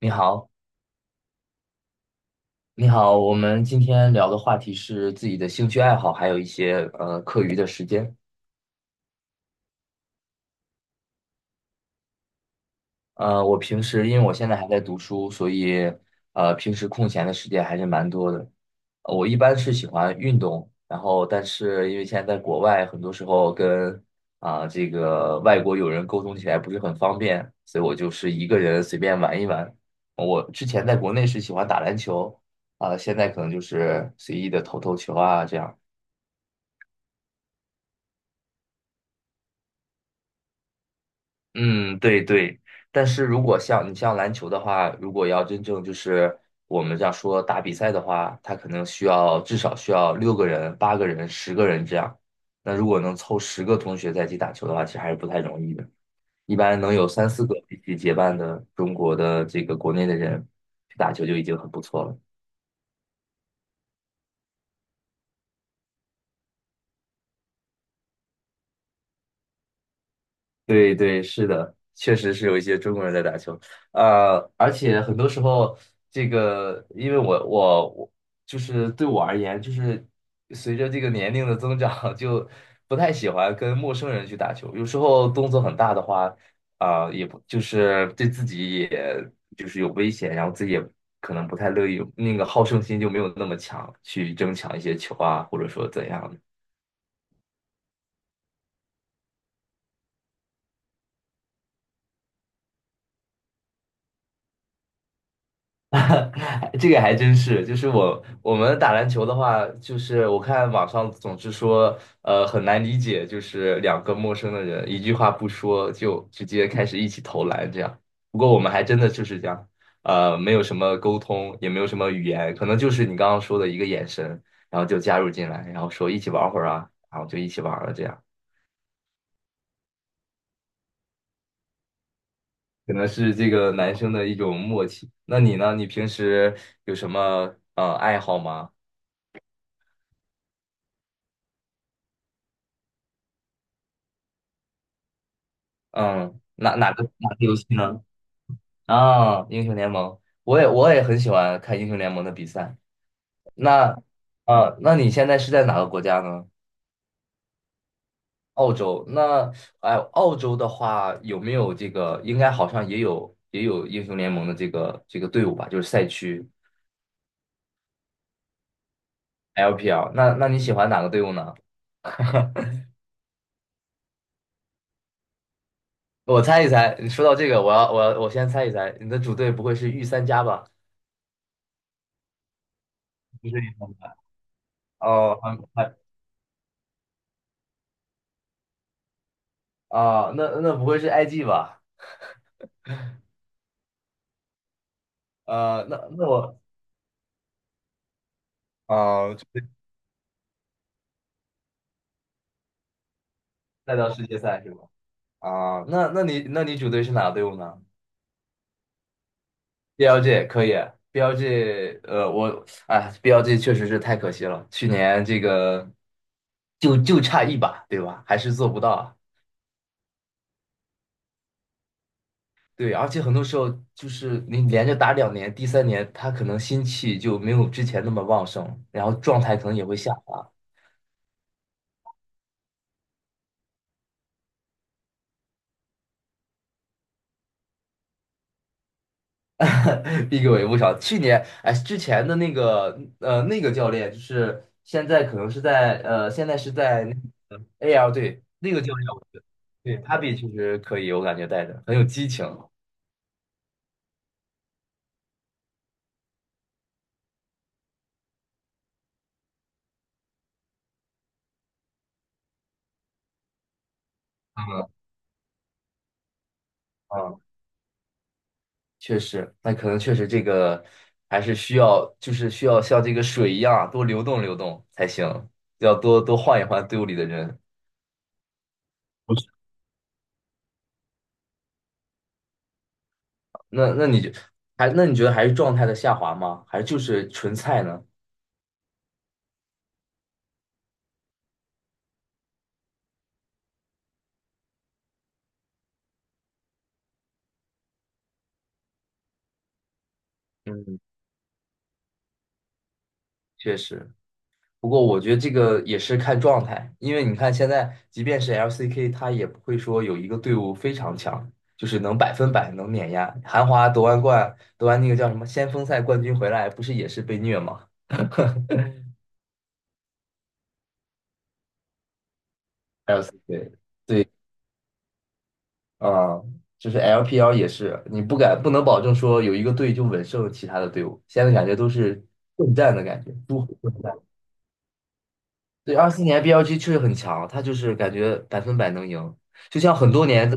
你好，你好，我们今天聊的话题是自己的兴趣爱好，还有一些课余的时间。我平时因为我现在还在读书，所以平时空闲的时间还是蛮多的。我一般是喜欢运动，然后但是因为现在在国外，很多时候跟这个外国友人沟通起来不是很方便，所以我就是一个人随便玩一玩。我之前在国内是喜欢打篮球，现在可能就是随意的投投球啊这样。嗯，对对，但是如果像篮球的话，如果要真正就是我们这样说打比赛的话，它可能至少需要6个人、8个人、10个人这样。那如果能凑10个同学在一起打球的话，其实还是不太容易的。一般能有三四个一起结伴的中国的这个国内的人去打球就已经很不错了。对对，是的，确实是有一些中国人在打球，而且很多时候，这个因为我就是对我而言，就是随着这个年龄的增长，就不太喜欢跟陌生人去打球。有时候动作很大的话，也不就是对自己也就是有危险，然后自己也可能不太乐意，那个好胜心就没有那么强，去争抢一些球啊，或者说怎样的。这个还真是，就是我们打篮球的话，就是我看网上总是说，很难理解，就是两个陌生的人一句话不说就直接开始一起投篮这样。不过我们还真的就是这样，没有什么沟通，也没有什么语言，可能就是你刚刚说的一个眼神，然后就加入进来，然后说一起玩会儿啊，然后就一起玩了这样。可能是这个男生的一种默契。那你呢？你平时有什么爱好吗？嗯，哪个游戏呢？啊，英雄联盟，我也很喜欢看英雄联盟的比赛。那那你现在是在哪个国家呢？澳洲。那澳洲的话有没有这个？应该好像也有英雄联盟的这个队伍吧，就是赛区 LPL。那你喜欢哪个队伍呢？我猜一猜，你说到这个，我先猜一猜，你的主队不会是御三家吧？不是御三家哦，还还啊，那那不会是 IG 吧？那我就带到世界赛是吧？啊，那你主队是哪个队伍呢？BLG 可以，BLG 我BLG 确实是太可惜了，去年这个就差一把，对吧？还是做不到啊。对，而且很多时候就是你连着打两年，第3年他可能心气就没有之前那么旺盛，然后状态可能也会下滑。逼我也不少。去年，哎，之前的那个，那个教练，就是现在可能是在，现在是在那 AL 队那个教练我觉得，对 p a p i 确实可以，我感觉带着很有激情。嗯嗯，确实，那可能确实这个还是需要，就是需要像这个水一样啊多流动流动才行，要多多换一换队伍里的人。不是，那那你就那你觉得还是状态的下滑吗？还是就是纯菜呢？嗯，确实。不过我觉得这个也是看状态，因为你看现在，即便是 LCK，他也不会说有一个队伍非常强，就是能百分百能碾压。韩华夺完冠，夺完那个叫什么先锋赛冠军回来，不是也是被虐吗？LCK，对，啊、就是 LPL 也是，你不能保证说有一个队就稳胜其他的队伍，现在感觉都是混战的感觉，都虎混战。对，24年 BLG 确实很强，他就是感觉百分百能赢，就像很多年。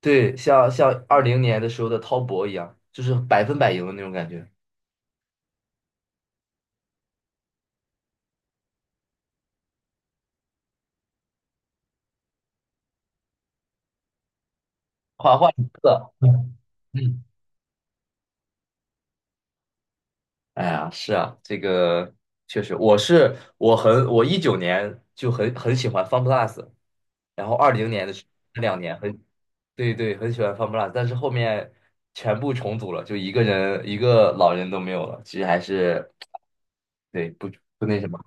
对，像二零年的时候的滔搏一样，就是百分百赢的那种感觉，夸夸一个，嗯，哎呀，是啊，这个确实，我19年就很喜欢 FunPlus，然后二零年的时候这两年很对对很喜欢 FunPlus，但是后面全部重组了，就一个人一个老人都没有了，其实还是对不那什么。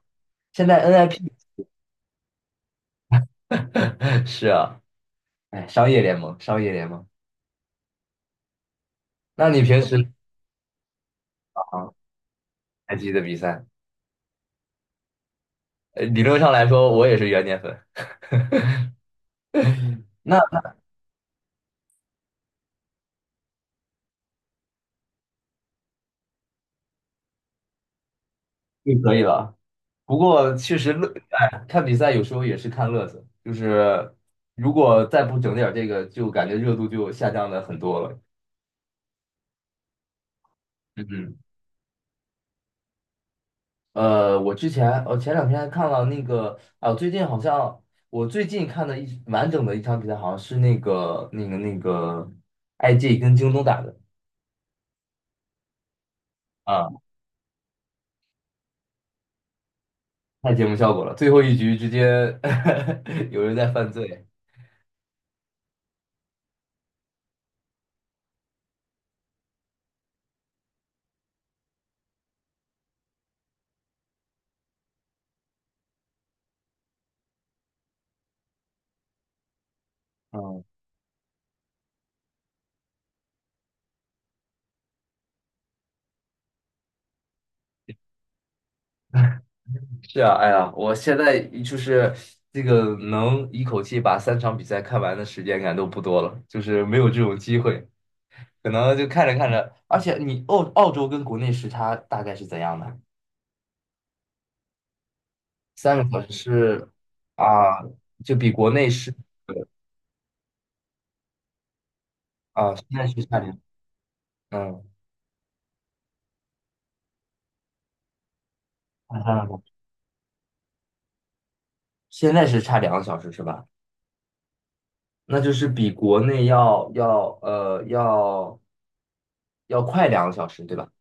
现在 NIP 是啊，哎，商业联盟商业联盟，那你平时啊还记得比赛？理论上来说，我也是元年粉 那就可以了。不过确实乐，哎，看比赛有时候也是看乐子，就是如果再不整点儿这个，就感觉热度就下降的很多了。嗯，我前两天还看了那个啊，最近好像我最近看的一完整的一场比赛，好像是那个 IG 跟京东打的啊，太节目效果了，最后一局直接 有人在犯罪。嗯是啊，哎呀，我现在就是这个能一口气把3场比赛看完的时间感都不多了，就是没有这种机会，可能就看着看着，而且你澳洲跟国内时差大概是怎样的？三个小时是啊，就比国内是啊，现在是差两，嗯，看看吧现在是差两个小时是吧？那就是比国内要要快两个小时对吧？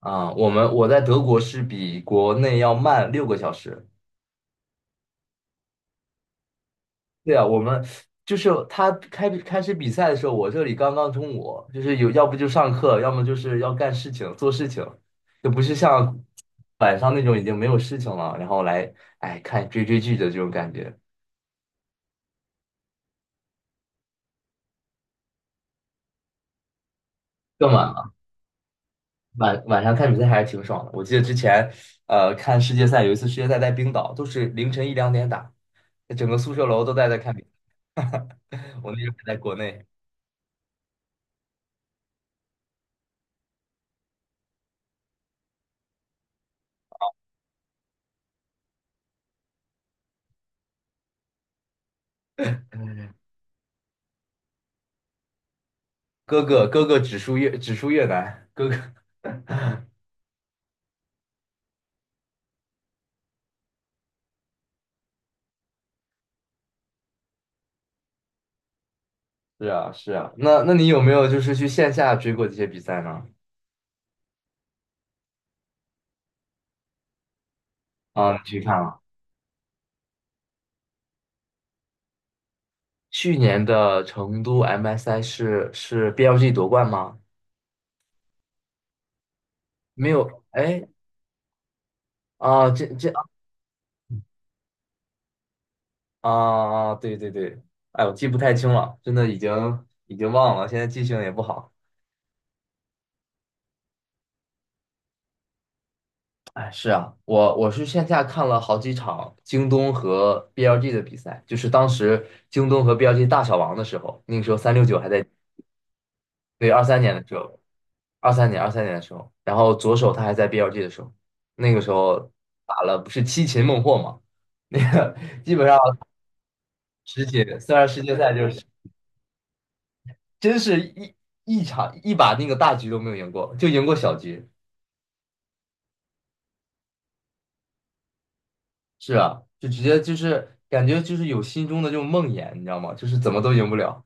啊，我在德国是比国内要慢6个小时。对啊，我们就是他开始比赛的时候，我这里刚刚中午，就是有要不就上课，要么就是要干事情做事情，就不是像晚上那种已经没有事情了，然后来哎看追剧的这种感觉，更晚了。晚上看比赛还是挺爽的。我记得之前看世界赛，有一次世界赛在冰岛，都是凌晨一两点打，整个宿舍楼都在看比赛。我那时候还在国内，哥哥只输越南，哥哥。是啊，是啊，那你有没有就是去线下追过这些比赛呢？啊，你去看了，去年的成都 MSI 是 BLG 夺冠吗？没有，哎，啊，这这啊，对对对，哎，我记不太清了，真的已经忘了，现在记性也不好。哎，是啊，我是线下看了好几场京东和 BLG 的比赛，就是当时京东和 BLG 大小王的时候，那个时候三六九还在。对，二三年的时候，二三年的时候，然后左手他还在 BLG 的时候，那个时候打了不是七擒孟获嘛，那个基本上十擒，虽然世界赛就是真是一场那个大局都没有赢过，就赢过小局，是啊，就直接就是感觉就是有心中的这种梦魇，你知道吗？就是怎么都赢不了。